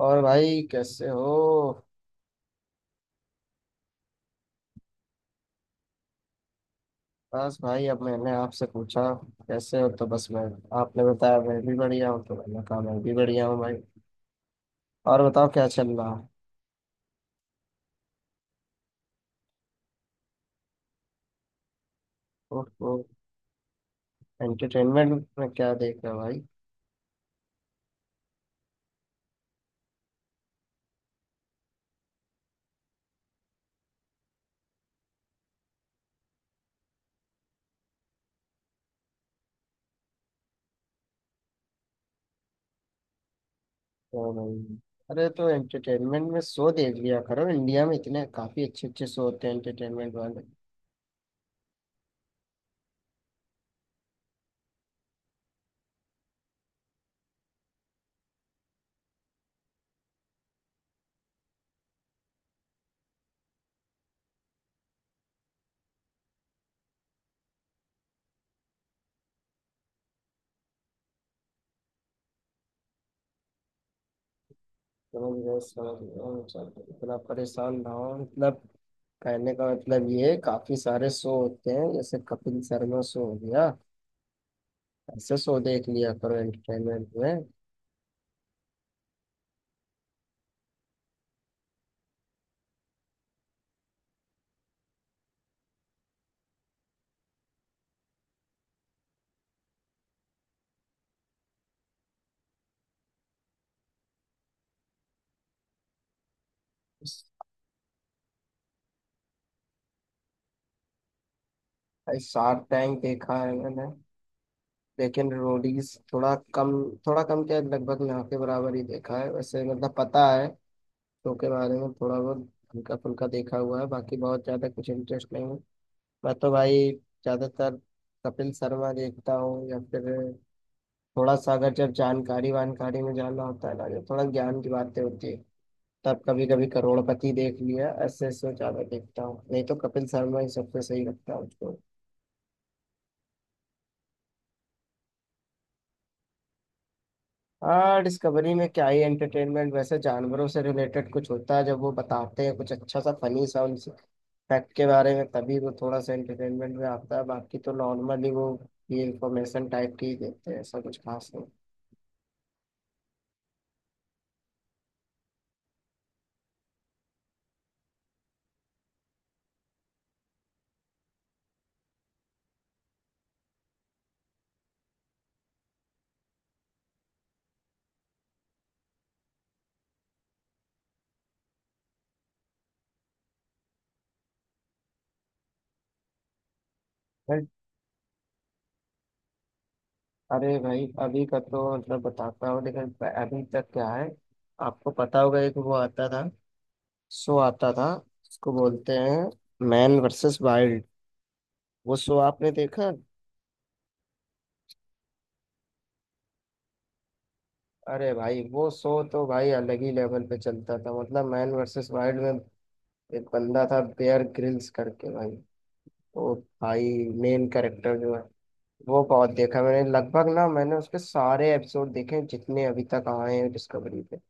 और भाई कैसे हो? बस भाई, अब मैंने आपसे पूछा कैसे हो तो बस मैं। आपने बताया मैं भी बढ़िया हूँ तो मैंने कहा मैं भी बढ़िया हूँ भाई। और बताओ, क्या चल रहा है? ओह। एंटरटेनमेंट में क्या देख रहे हो भाई? ओ भाई, अरे तो एंटरटेनमेंट में शो देख लिया करो, इंडिया में इतने काफी अच्छे अच्छे शो होते हैं एंटरटेनमेंट वाले। समझ गए समझ गए, चलो, इतना परेशान ना हो मतलब। कहने का मतलब ये है, काफी सारे शो होते हैं, जैसे कपिल शर्मा शो हो गया। ऐसे शो देख लिया करो एंटरटेनमेंट में। भाई शार्क टैंक देखा है मैंने, लेकिन रोडीज थोड़ा कम। थोड़ा कम क्या, लगभग ना के बराबर ही देखा है। वैसे मतलब पता है शो के बारे में थोड़ा बहुत, हल्का फुल्का देखा हुआ है। बाकी बहुत ज्यादा कुछ इंटरेस्ट नहीं है। मैं तो भाई ज्यादातर कपिल शर्मा देखता हूँ, या फिर थोड़ा सा, अगर जब जानकारी वानकारी में जानना होता है ना, जो थोड़ा ज्ञान की बातें होती है, तब कभी कभी करोड़पति देख लिया, ऐसे से ज्यादा देखता हूँ। नहीं तो कपिल शर्मा ही सबसे सही लगता है मुझको। हाँ, डिस्कवरी में क्या ही एंटरटेनमेंट, वैसे जानवरों से रिलेटेड कुछ होता है जब वो बताते हैं, कुछ अच्छा सा फनी सा उनसे फैक्ट के बारे में, तभी वो थोड़ा सा एंटरटेनमेंट में आता है। बाकी तो नॉर्मली वो ये इंफॉर्मेशन टाइप की ही देते हैं, ऐसा कुछ खास नहीं। बट अरे भाई, अभी का तो मतलब बताता हूँ, लेकिन अभी तक क्या है, आपको पता होगा, एक वो आता था, शो आता था, इसको बोलते हैं मैन वर्सेस वाइल्ड। वो शो आपने देखा? अरे भाई वो शो तो भाई अलग ही लेवल पे चलता था। मतलब मैन वर्सेस वाइल्ड में एक बंदा था, बेयर ग्रिल्स करके भाई। वो भाई मेन कैरेक्टर जो है, वो बहुत देखा मैंने। लगभग ना, मैंने उसके सारे एपिसोड देखे हैं, जितने अभी तक आए हैं डिस्कवरी पे।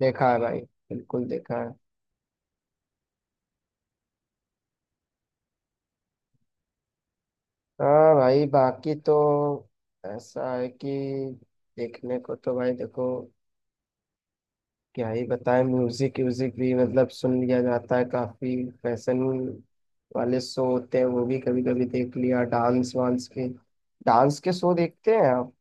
देखा है भाई, बिल्कुल देखा है। हाँ भाई, बाकी तो ऐसा है कि देखने को तो भाई देखो, क्या ही बताएं। म्यूजिक व्यूजिक भी मतलब सुन लिया जाता है काफी। फैशन वाले शो होते हैं, वो भी कभी कभी देख लिया। डांस वांस के डांस के शो देखते हैं आप?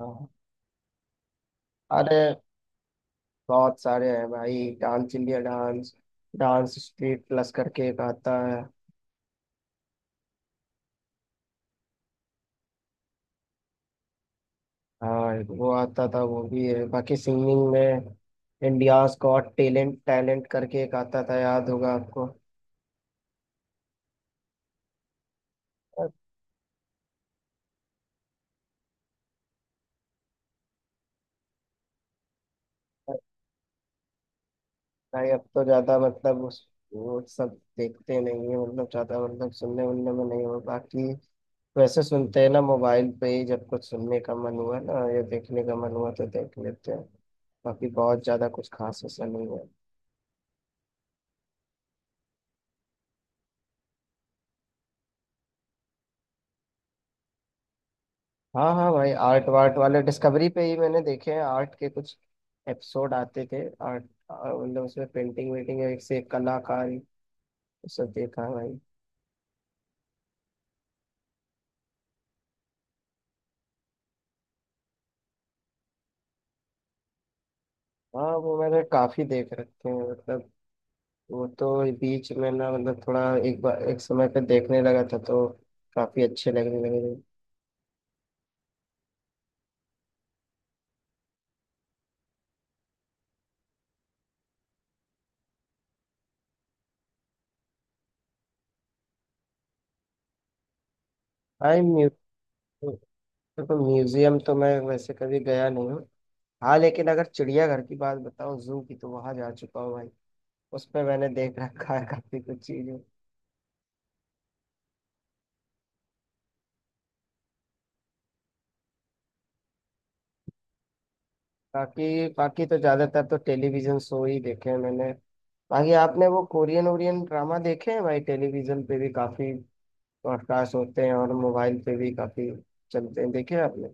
हाँ। अरे बहुत सारे हैं भाई, dance India dance, dance street plus करके एक आता है। हाँ वो आता था, वो भी है। बाकी सिंगिंग में इंडियाज गॉट टैलेंट टैलेंट करके एक आता था, याद होगा आपको? भाई अब तो ज्यादा मतलब उस, वो सब देखते नहीं है, मतलब ज्यादा मतलब सुनने उनने में नहीं हो। बाकी वैसे सुनते हैं ना, मोबाइल पे ही, जब कुछ सुनने का मन हुआ ना या देखने का मन हुआ तो देख लेते हैं। बाकी बहुत ज्यादा कुछ खास ऐसा नहीं है। हाँ हाँ भाई, आर्ट वार्ट वाले डिस्कवरी पे ही मैंने देखे हैं। आर्ट के कुछ एपिसोड आते थे आर्ट। मतलब उसमें पेंटिंग वेंटिंग, एक से एक कलाकारी सब देखा है भाई। हाँ वो मैंने काफी देख रखे हैं। मतलब वो तो बीच में ना, मतलब थोड़ा, एक बार एक समय पे देखने लगा था तो काफी अच्छे लगने लगे थे। आई म्यू देखो म्यूजियम तो मैं वैसे कभी गया नहीं हूँ। हाँ लेकिन अगर चिड़ियाघर की बात बताओ, जू की, तो वहां जा चुका हूँ भाई। उसमें मैंने देख रखा है काफी कुछ चीजें। बाकी बाकी तो ज्यादातर तो टेलीविजन शो ही देखे हैं मैंने। बाकी आपने वो कोरियन ओरियन ड्रामा देखे हैं भाई? टेलीविजन पे भी काफी ब्रॉडकास्ट होते हैं और मोबाइल पे भी काफी चलते हैं, देखे हैं आपने?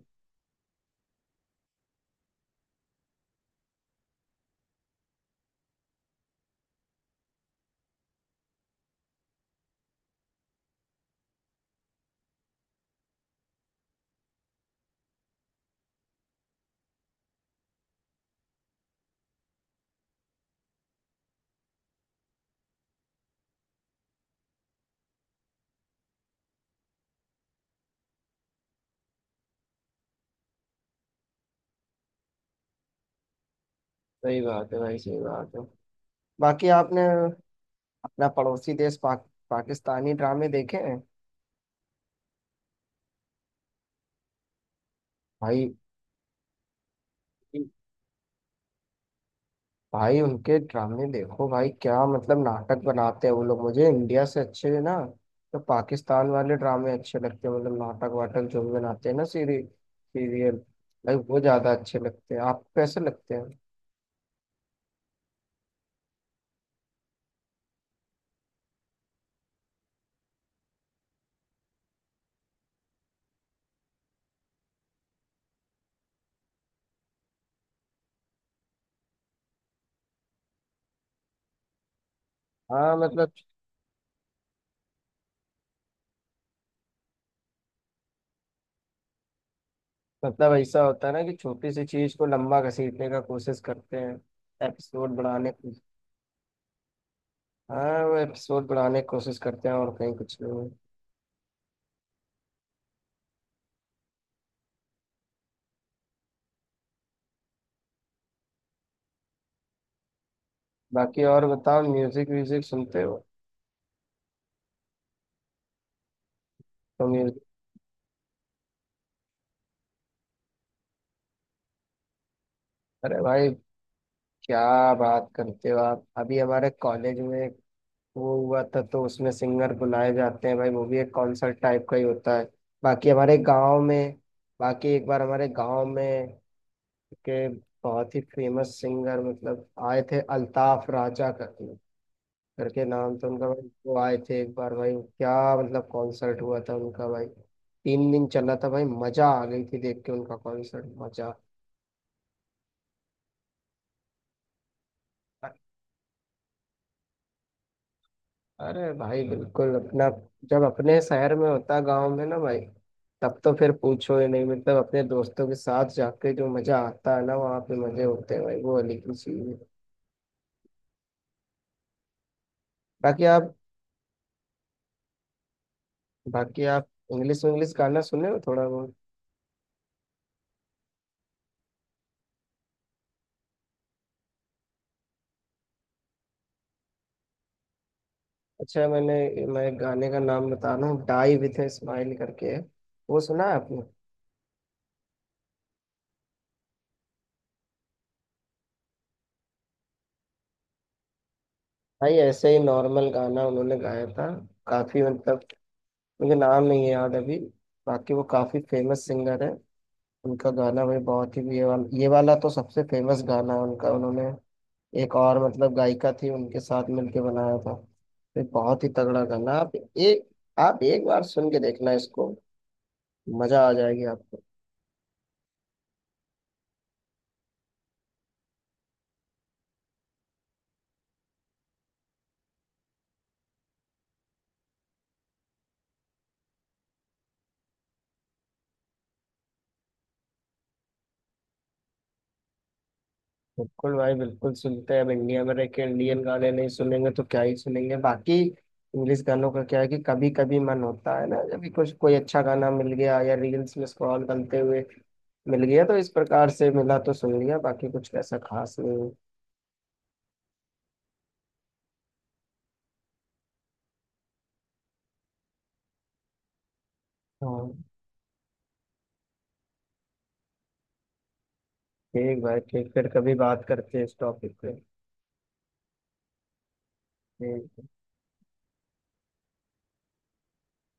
सही बात है भाई, सही बात है। बाकी आपने अपना पड़ोसी देश पाक, पाकिस्तानी ड्रामे देखे हैं? भाई भाई, उनके ड्रामे देखो भाई, क्या मतलब नाटक बनाते हैं वो लोग, मुझे इंडिया से अच्छे ना। तो पाकिस्तान वाले ड्रामे अच्छे लगते हैं, मतलब नाटक वाटक जो भी बनाते हैं ना, सीरी सीरियल। भाई वो ज्यादा अच्छे लगते हैं, आपको कैसे लगते हैं? हाँ मतलब ऐसा होता है ना कि छोटी सी चीज को लंबा घसीटने का कोशिश करते हैं, एपिसोड बनाने की। हाँ वो एपिसोड बनाने की कोशिश करते हैं और कहीं कुछ नहीं। बाकी और बताओ, म्यूजिक व्यूजिक सुनते हो? तो म्यूजिक, अरे भाई क्या बात करते हो आप, अभी हमारे कॉलेज में एक वो हुआ था, तो उसमें सिंगर बुलाए जाते हैं भाई, वो भी एक कॉन्सर्ट टाइप का ही होता है। बाकी हमारे गांव में, बाकी एक बार हमारे गांव में के बहुत ही फेमस सिंगर मतलब आए थे, अल्ताफ राजा करके करके नाम तो उनका भाई। वो आए थे एक बार भाई, क्या मतलब कॉन्सर्ट हुआ था उनका भाई। 3 दिन चला था भाई, मजा आ गई थी देख के उनका कॉन्सर्ट, मजा। अरे भाई बिल्कुल, अपना जब अपने शहर में होता, गांव में ना भाई, तब तो फिर पूछो ही नहीं। मतलब अपने दोस्तों के साथ जाके जो मजा आता है ना, वहाँ पे मजे होते हैं भाई, वो अलग ही चीज है। बाकी आप बाकी आप इंग्लिश इंग्लिश गाना सुने हो थोड़ा बहुत? अच्छा, मैं गाने का नाम बता रहा हूँ, डाई विथ ए स्माइल करके है, वो सुना है आपने? भाई ऐसे ही नॉर्मल गाना उन्होंने गाया था, काफी मतलब। मुझे नाम नहीं याद अभी। बाकी वो काफी फेमस सिंगर है, उनका गाना भाई, बहुत ही ये वाला, ये वाला तो सबसे फेमस गाना है उनका। उन्होंने एक और मतलब गायिका थी उनके साथ मिलके बनाया था, ये बहुत ही तगड़ा गाना। आप एक बार सुन के देखना इसको, मजा आ जाएगी आपको। बिल्कुल भाई, बिल्कुल सुनते हैं, अब इंडिया में रह के इंडियन गाने नहीं सुनेंगे तो क्या ही सुनेंगे। बाकी इंग्लिश गानों का क्या है कि कभी कभी मन होता है ना, जब भी कुछ कोई अच्छा गाना मिल गया या रील्स में स्क्रॉल करते हुए मिल गया, तो इस प्रकार से मिला तो सुन लिया, बाकी कुछ ऐसा खास नहीं है। हाँ। ठीक भाई ठीक, फिर कभी बात करते हैं इस टॉपिक पे। ठीक।